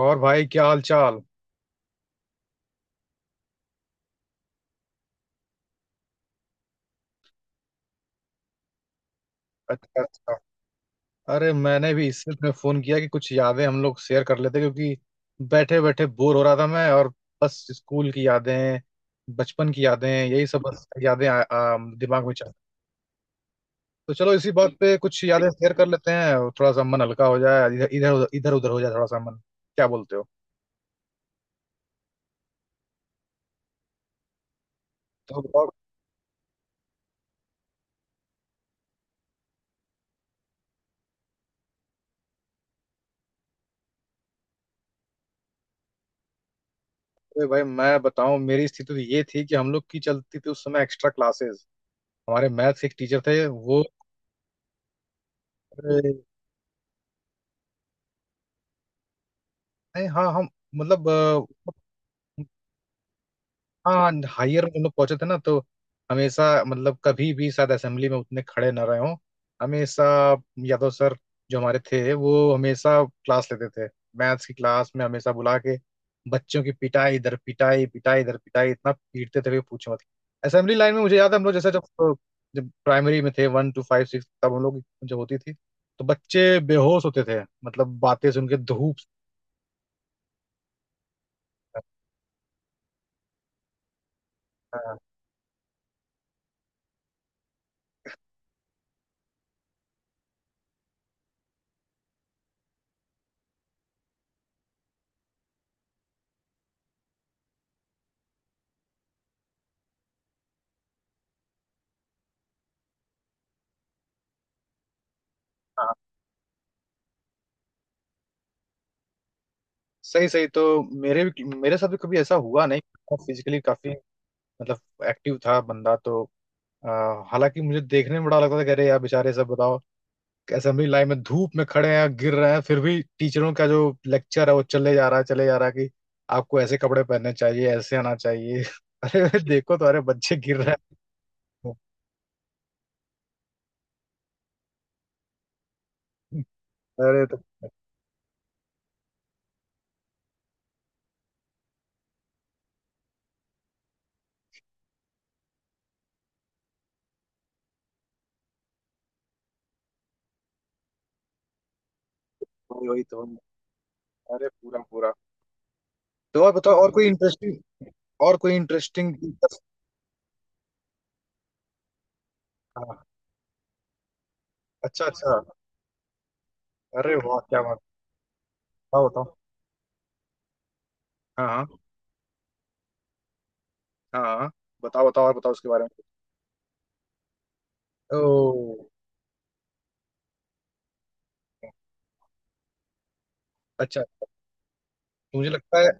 और भाई क्या हाल चाल। अच्छा अच्छा। अरे मैंने भी इससे तुम्हें फोन किया कि कुछ यादें हम लोग शेयर कर लेते क्योंकि बैठे बैठे बोर हो रहा था मैं, और बस स्कूल की यादें, बचपन की यादें, यही सब, बस यादें आ, आ, दिमाग में चल। तो चलो इसी बात पे कुछ यादें शेयर कर लेते हैं और थोड़ा सा मन हल्का हो जाए, इधर इधर इधर उधर हो जाए थोड़ा सा मन। क्या बोलते हो? तो बताओ। अरे भाई मैं बताऊं, मेरी स्थिति तो ये थी कि हम लोग की चलती थी उस समय एक्स्ट्रा क्लासेस। हमारे मैथ्स एक टीचर थे वो। नहीं, हाँ हम मतलब हाँ हायर में हम लोग पहुंचे थे ना, तो हमेशा मतलब कभी भी शायद असेंबली में उतने खड़े ना रहे हों। हमेशा यादव सर, जो हमारे थे, वो हमेशा क्लास लेते थे। मैथ्स की क्लास में हमेशा बुला के बच्चों की पिटाई, इधर पिटाई, पिटाई, इधर पिटाई, इतना पीटते थे कि पूछो मत। असेंबली लाइन में मुझे याद है हम लोग जैसे जब जब प्राइमरी में थे, वन टू फाइव सिक्स, तब हम लोग की जो होती थी, तो बच्चे बेहोश होते थे, मतलब बातें सुन के धूप। हाँ। सही सही, तो मेरे भी मेरे साथ भी कभी ऐसा हुआ नहीं। फिजिकली काफी मतलब एक्टिव था बंदा तो। अ, हालांकि मुझे देखने में बड़ा लगता था कि अरे यार बेचारे, सब बताओ, असेंबली लाइन में धूप में खड़े हैं, गिर रहे हैं, फिर भी टीचरों का जो लेक्चर है वो चले जा रहा है, चले जा रहा है कि आपको ऐसे कपड़े पहनने चाहिए, ऐसे आना चाहिए। अरे देखो तो, अरे बच्चे गिर रहे हैं। अरे तो वही वही तो। अरे पूरा पूरा। तो और बताओ, और कोई इंटरेस्टिंग? और कोई इंटरेस्टिंग? अच्छा अच्छा। अरे वाह क्या बात! बताओ। हाँ हाँ। हाँ हाँ। बताओ बताओ, और बताओ उसके बारे में। ओ। अच्छा। मुझे लगता है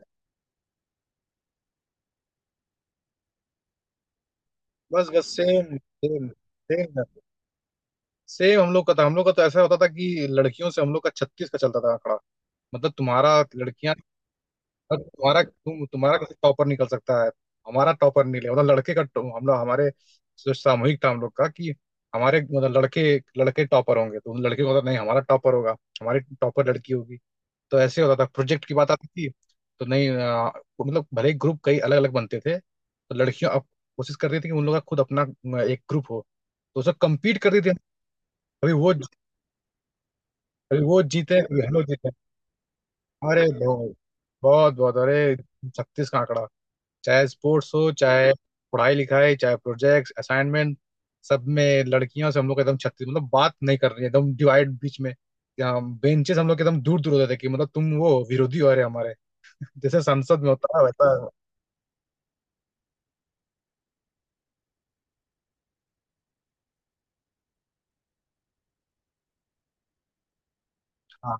बस बस, सेम सेम, सेम, सेम हम लोग का था। हम लोग का तो ऐसा होता था कि लड़कियों से हम लोग का छत्तीस का चलता था आंकड़ा। मतलब तुम्हारा लड़कियां और तुम्हारा, तुम्हारा कैसे टॉपर निकल सकता है? हमारा टॉपर नहीं, ले मतलब हम लोग, हमारे जो सामूहिक था हम लोग का, कि हमारे मतलब लड़के, लड़के टॉपर होंगे, तो उन लड़के को होता नहीं, हमारा टॉपर होगा, हमारी टॉपर लड़की होगी। तो ऐसे होता था, प्रोजेक्ट की बात आती थी तो नहीं मतलब भले ही ग्रुप कई अलग अलग बनते थे, तो लड़कियां अब कोशिश करती थी कि उन लोग का खुद अपना एक ग्रुप हो, तो उसमें कम्पीट करती थी। कभी वो, कभी वो जीते, कभी हम लोग जीते। अरे बहुत, बहुत बहुत, अरे छत्तीस का आंकड़ा। चाहे स्पोर्ट्स हो, चाहे पढ़ाई लिखाई, चाहे प्रोजेक्ट्स असाइनमेंट, सब में लड़कियों से हम लोग एकदम छत्तीस, मतलब बात नहीं कर रही है, एकदम डिवाइड बीच में। बेंचेस हम लोग एकदम दूर दूर होते थे कि मतलब तुम वो विरोधी हो रहे हमारे, जैसे संसद में होता है वैसा। हाँ।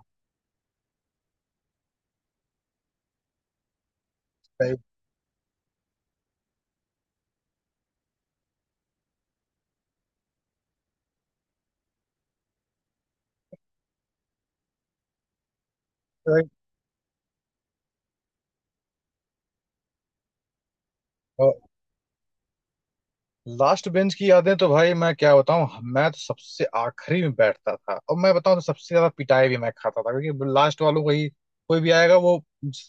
लास्ट बेंच की यादें तो भाई मैं क्या बताऊं। मैं तो सबसे आखिरी में बैठता था, और मैं बताऊं तो सबसे ज्यादा पिटाई भी मैं खाता था, क्योंकि लास्ट वालों को ही, कोई भी आएगा वो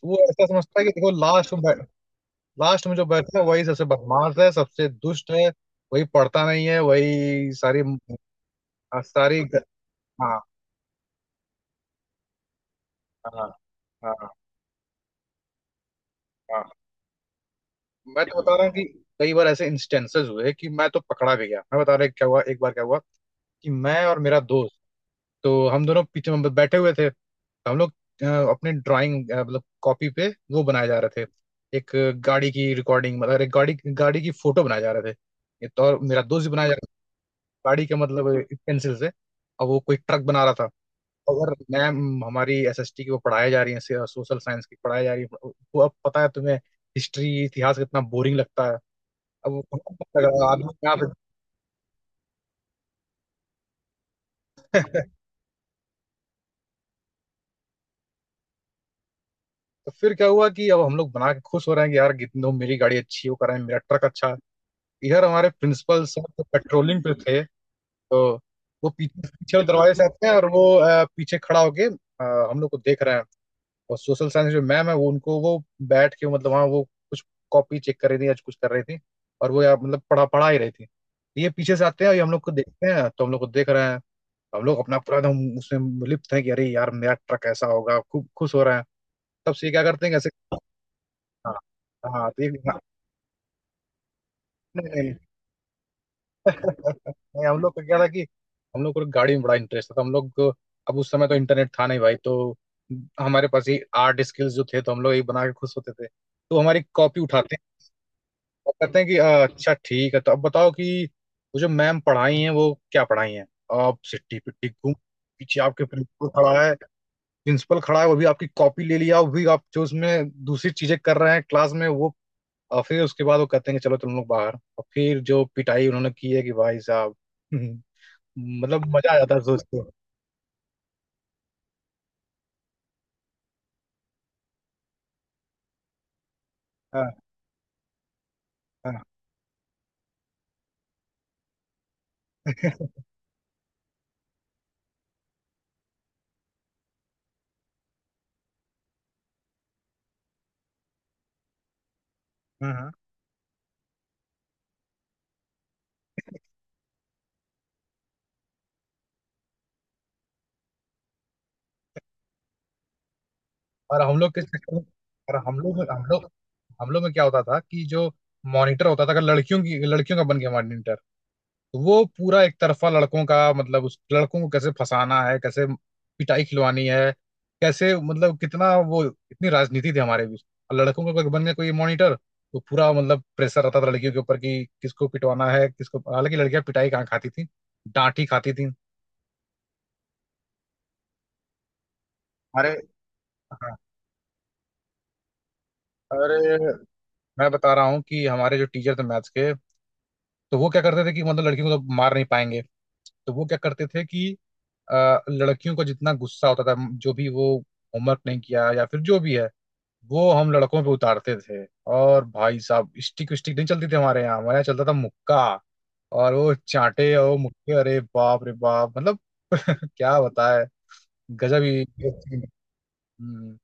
वो ऐसा समझता है कि देखो लास्ट में, लास्ट में जो बैठता है वही सबसे बदमाश है, सबसे दुष्ट है, वही पढ़ता नहीं है, वही सारी सारी। हाँ हाँ। हाँ हाँ। मैं तो बता रहा हूँ कि कई बार ऐसे इंस्टेंसेस हुए कि मैं तो पकड़ा भी गया। मैं बता रहा हूँ क्या हुआ एक बार क्या हुआ कि मैं और मेरा दोस्त, तो हम दोनों पीछे में बैठे हुए थे, तो हम लोग अपने ड्राइंग मतलब कॉपी पे वो बनाए जा रहे थे। एक गाड़ी की रिकॉर्डिंग मतलब एक गाड़ी, गाड़ी की फोटो बनाए जा रहे थे। ये तो, और मेरा दोस्त भी बनाया जा, गाड़ी का मतलब एक पेंसिल से, और वो कोई ट्रक बना रहा था। अगर मैम हमारी एसएसटी की वो पढ़ाई जा रही है, सोशल साइंस की पढ़ाई जा रही है, वो अब पता है तुम्हें हिस्ट्री, इतिहास कितना बोरिंग लगता है। अब वो हमको पता लगा, आदमी यहाँ पे। तो फिर क्या हुआ कि अब हम लोग बना के खुश हो रहे हैं कि यार कितनों, मेरी गाड़ी अच्छी है, वो कर रहे हैं मेरा ट्रक अच्छा है। इधर हमारे प्रिंसिपल सर तो पेट्रोलिंग पे थे, तो वो पीछे, पीछे वाले दरवाजे से आते हैं, और वो पीछे खड़ा होके हम लोग को देख रहे हैं। और सोशल साइंस जो मैम है, वो उनको वो बैठ के मतलब वहाँ वो कुछ कॉपी चेक कर रही थी या कुछ कर रही थी, और वो यार मतलब पढ़ा पढ़ा ही रही थी। ये पीछे से आते हैं और ये हम लोग को देखते हैं, तो हम लोग को देख रहे हैं, हम लोग अपना पूरा एकदम उसमें लिप्त हैं कि अरे यार मेरा ट्रक ऐसा होगा, खूब खुश हो रहे हैं। तब से ये क्या करते हैं कैसे, हाँ हाँ तो ये हाँ, नहीं, नहीं, नहीं, हम लोग को क्या था कि हम लोग को गाड़ी में बड़ा इंटरेस्ट था, तो हम लोग को- अब उस समय तो इंटरनेट था नहीं भाई, तो हमारे पास ये आर्ट स्किल्स जो थे, तो हम लोग ये बना के खुश होते थे। तो हमारी कॉपी उठाते वो कहते हैं कि " अच्छा ठीक है, तो अब बताओ कि वो जो मैम पढ़ाई हैं वो क्या पढ़ाई हैं? आप सिट्टी पिट्टी घूम, पीछे आपके प्रिंसिपल खड़ा है। प्रिंसिपल खड़ा है, वो भी आपकी कॉपी ले लिया, वो भी आप जो उसमें दूसरी चीजें कर रहे हैं क्लास में वो। और फिर उसके बाद वो कहते हैं कि चलो तुम लोग बाहर, और फिर जो पिटाई उन्होंने की है कि भाई साहब! मतलब मजा आ जाता है सोच के। हाँ हाँ। हाँ, हाँ। और हम लोग किस, और हम लोग हम लोग में क्या होता था कि जो मॉनिटर होता था, अगर लड़कियों की, लड़कियों का बन गया मॉनिटर, तो वो पूरा एक तरफा लड़कों का मतलब उस लड़कों को कैसे फंसाना है, कैसे पिटाई खिलवानी है, कैसे मतलब कितना वो, इतनी राजनीति थी हमारे बीच। और लड़कों का कोई बन गया कोई मॉनिटर, तो पूरा मतलब प्रेशर रहता था लड़कियों के ऊपर कि किसको पिटवाना है किसको, हालांकि लड़कियां पिटाई कहाँ खाती थी, डांट ही खाती थी। अरे हाँ, अरे मैं बता रहा हूँ कि हमारे जो टीचर थे मैथ्स के, तो वो क्या करते थे कि मतलब लड़कियों को तो मार नहीं पाएंगे, तो वो क्या करते थे कि लड़कियों को जितना गुस्सा होता था, जो भी वो होमवर्क नहीं किया या फिर जो भी है, वो हम लड़कों पे उतारते थे। और भाई साहब स्टिक, स्टिक नहीं चलती थी हमारे यहाँ, हमारे यहाँ चलता था मुक्का। और वो चांटे और वो मुक्के, अरे बाप रे बाप! मतलब क्या बताए, गजब ही। हम्म,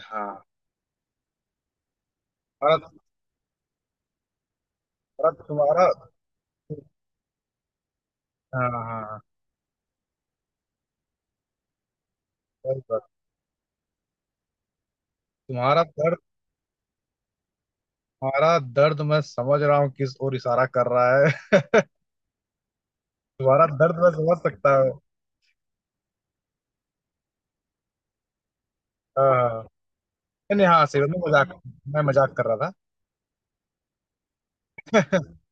हाँ। और, और तुम्हारा। हाँ हाँ हाँ, सही बात। तुम्हारा। तुम्हारा दर्द मैं समझ रहा हूँ किस ओर इशारा कर रहा है। तुम्हारा दर्द मैं समझ सकता हूँ। हाँ हाँ। नहीं नहीं, हाँ सही बात, मैं मजाक कर रहा था।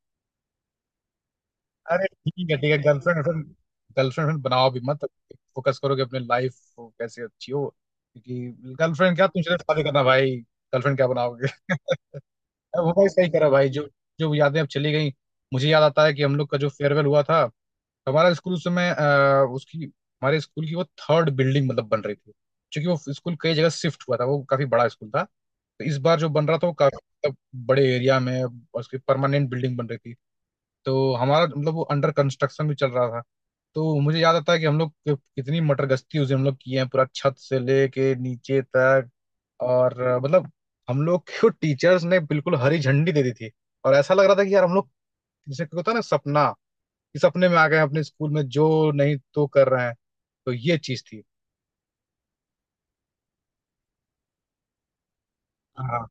अरे ठीक है ठीक है, गर्लफ्रेंड गर्लफ्रेंड, गर्लफ्रेंड बनाओ भी मत। फोकस करो कि अपनी लाइफ कैसे अच्छी हो, क्योंकि गर्लफ्रेंड क्या, तुम सिर्फ शादी करना भाई, गर्लफ्रेंड क्या बनाओगे? वो भाई सही करा भाई, जो जो यादें अब चली गई। मुझे याद आता है कि हम लोग का जो फेयरवेल हुआ था, हमारा स्कूल उस समय उसकी, हमारे स्कूल की वो थर्ड बिल्डिंग मतलब बन रही थी। क्योंकि वो स्कूल कई जगह शिफ्ट हुआ था, वो काफी बड़ा स्कूल था, तो इस बार जो बन रहा था वो काफी मतलब बड़े एरिया में, और उसकी परमानेंट बिल्डिंग बन रही थी। तो हमारा मतलब वो अंडर कंस्ट्रक्शन भी चल रहा था। तो मुझे याद आता है कि कितनी मटर गश्ती उसे हम लोग किए हैं, पूरा छत से लेके नीचे तक। और मतलब हम लोग को टीचर्स ने बिल्कुल हरी झंडी दे दी थी, और ऐसा लग रहा था कि यार हम लोग, जैसे कि होता है ना सपना, कि सपने में आ गए हैं अपने स्कूल में, जो नहीं तो कर रहे हैं। तो ये चीज थी। हाँ।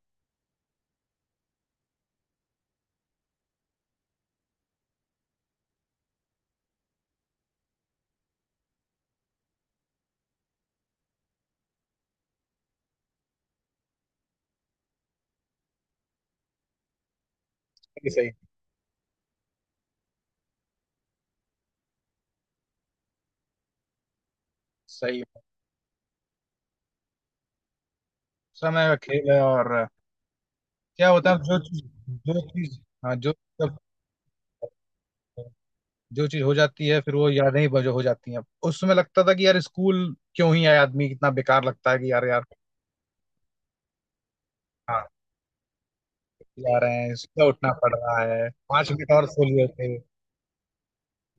सही सही। सही है। समय का खेल है, और क्या होता है जो चीज, जो चीज, हाँ जो, जब जो चीज हो जाती है फिर वो यादें ही बजो हो जाती हैं। उस समय लगता था कि यार स्कूल क्यों ही आए आदमी, कितना बेकार लगता है कि यार यार। हाँ जा रहे हैं, सुबह उठना पड़ रहा है, 5 मिनट और सो लिए थे।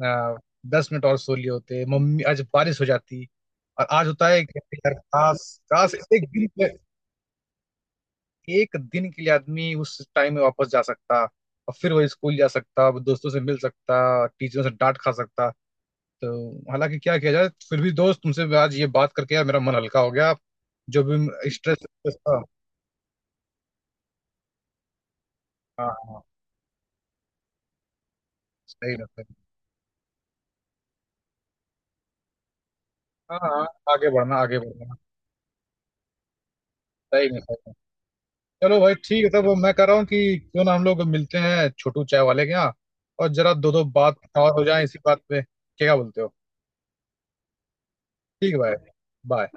आ, 10 मिनट और सो लिए होते मम्मी, आज बारिश हो जाती। और आज होता है कि यार काश, काश एक दिन के लिए आदमी उस टाइम में वापस जा सकता, और फिर वो स्कूल जा सकता, वो दोस्तों से मिल सकता, टीचरों से डांट खा सकता। तो हालांकि क्या किया जाए, फिर भी दोस्त तुमसे आज ये बात करके यार मेरा मन हल्का हो गया, जो भी स्ट्रेस था। हाँ हाँ। सही रहता है। हाँ हाँ, आगे बढ़ना आगे बढ़ना। सही में सही में। चलो भाई ठीक है, तब मैं कह रहा हूँ कि क्यों ना हम लोग मिलते हैं छोटू चाय वाले के यहाँ, और जरा दो दो बात और हो जाए इसी बात पे। क्या बोलते हो? ठीक है भाई। बाय।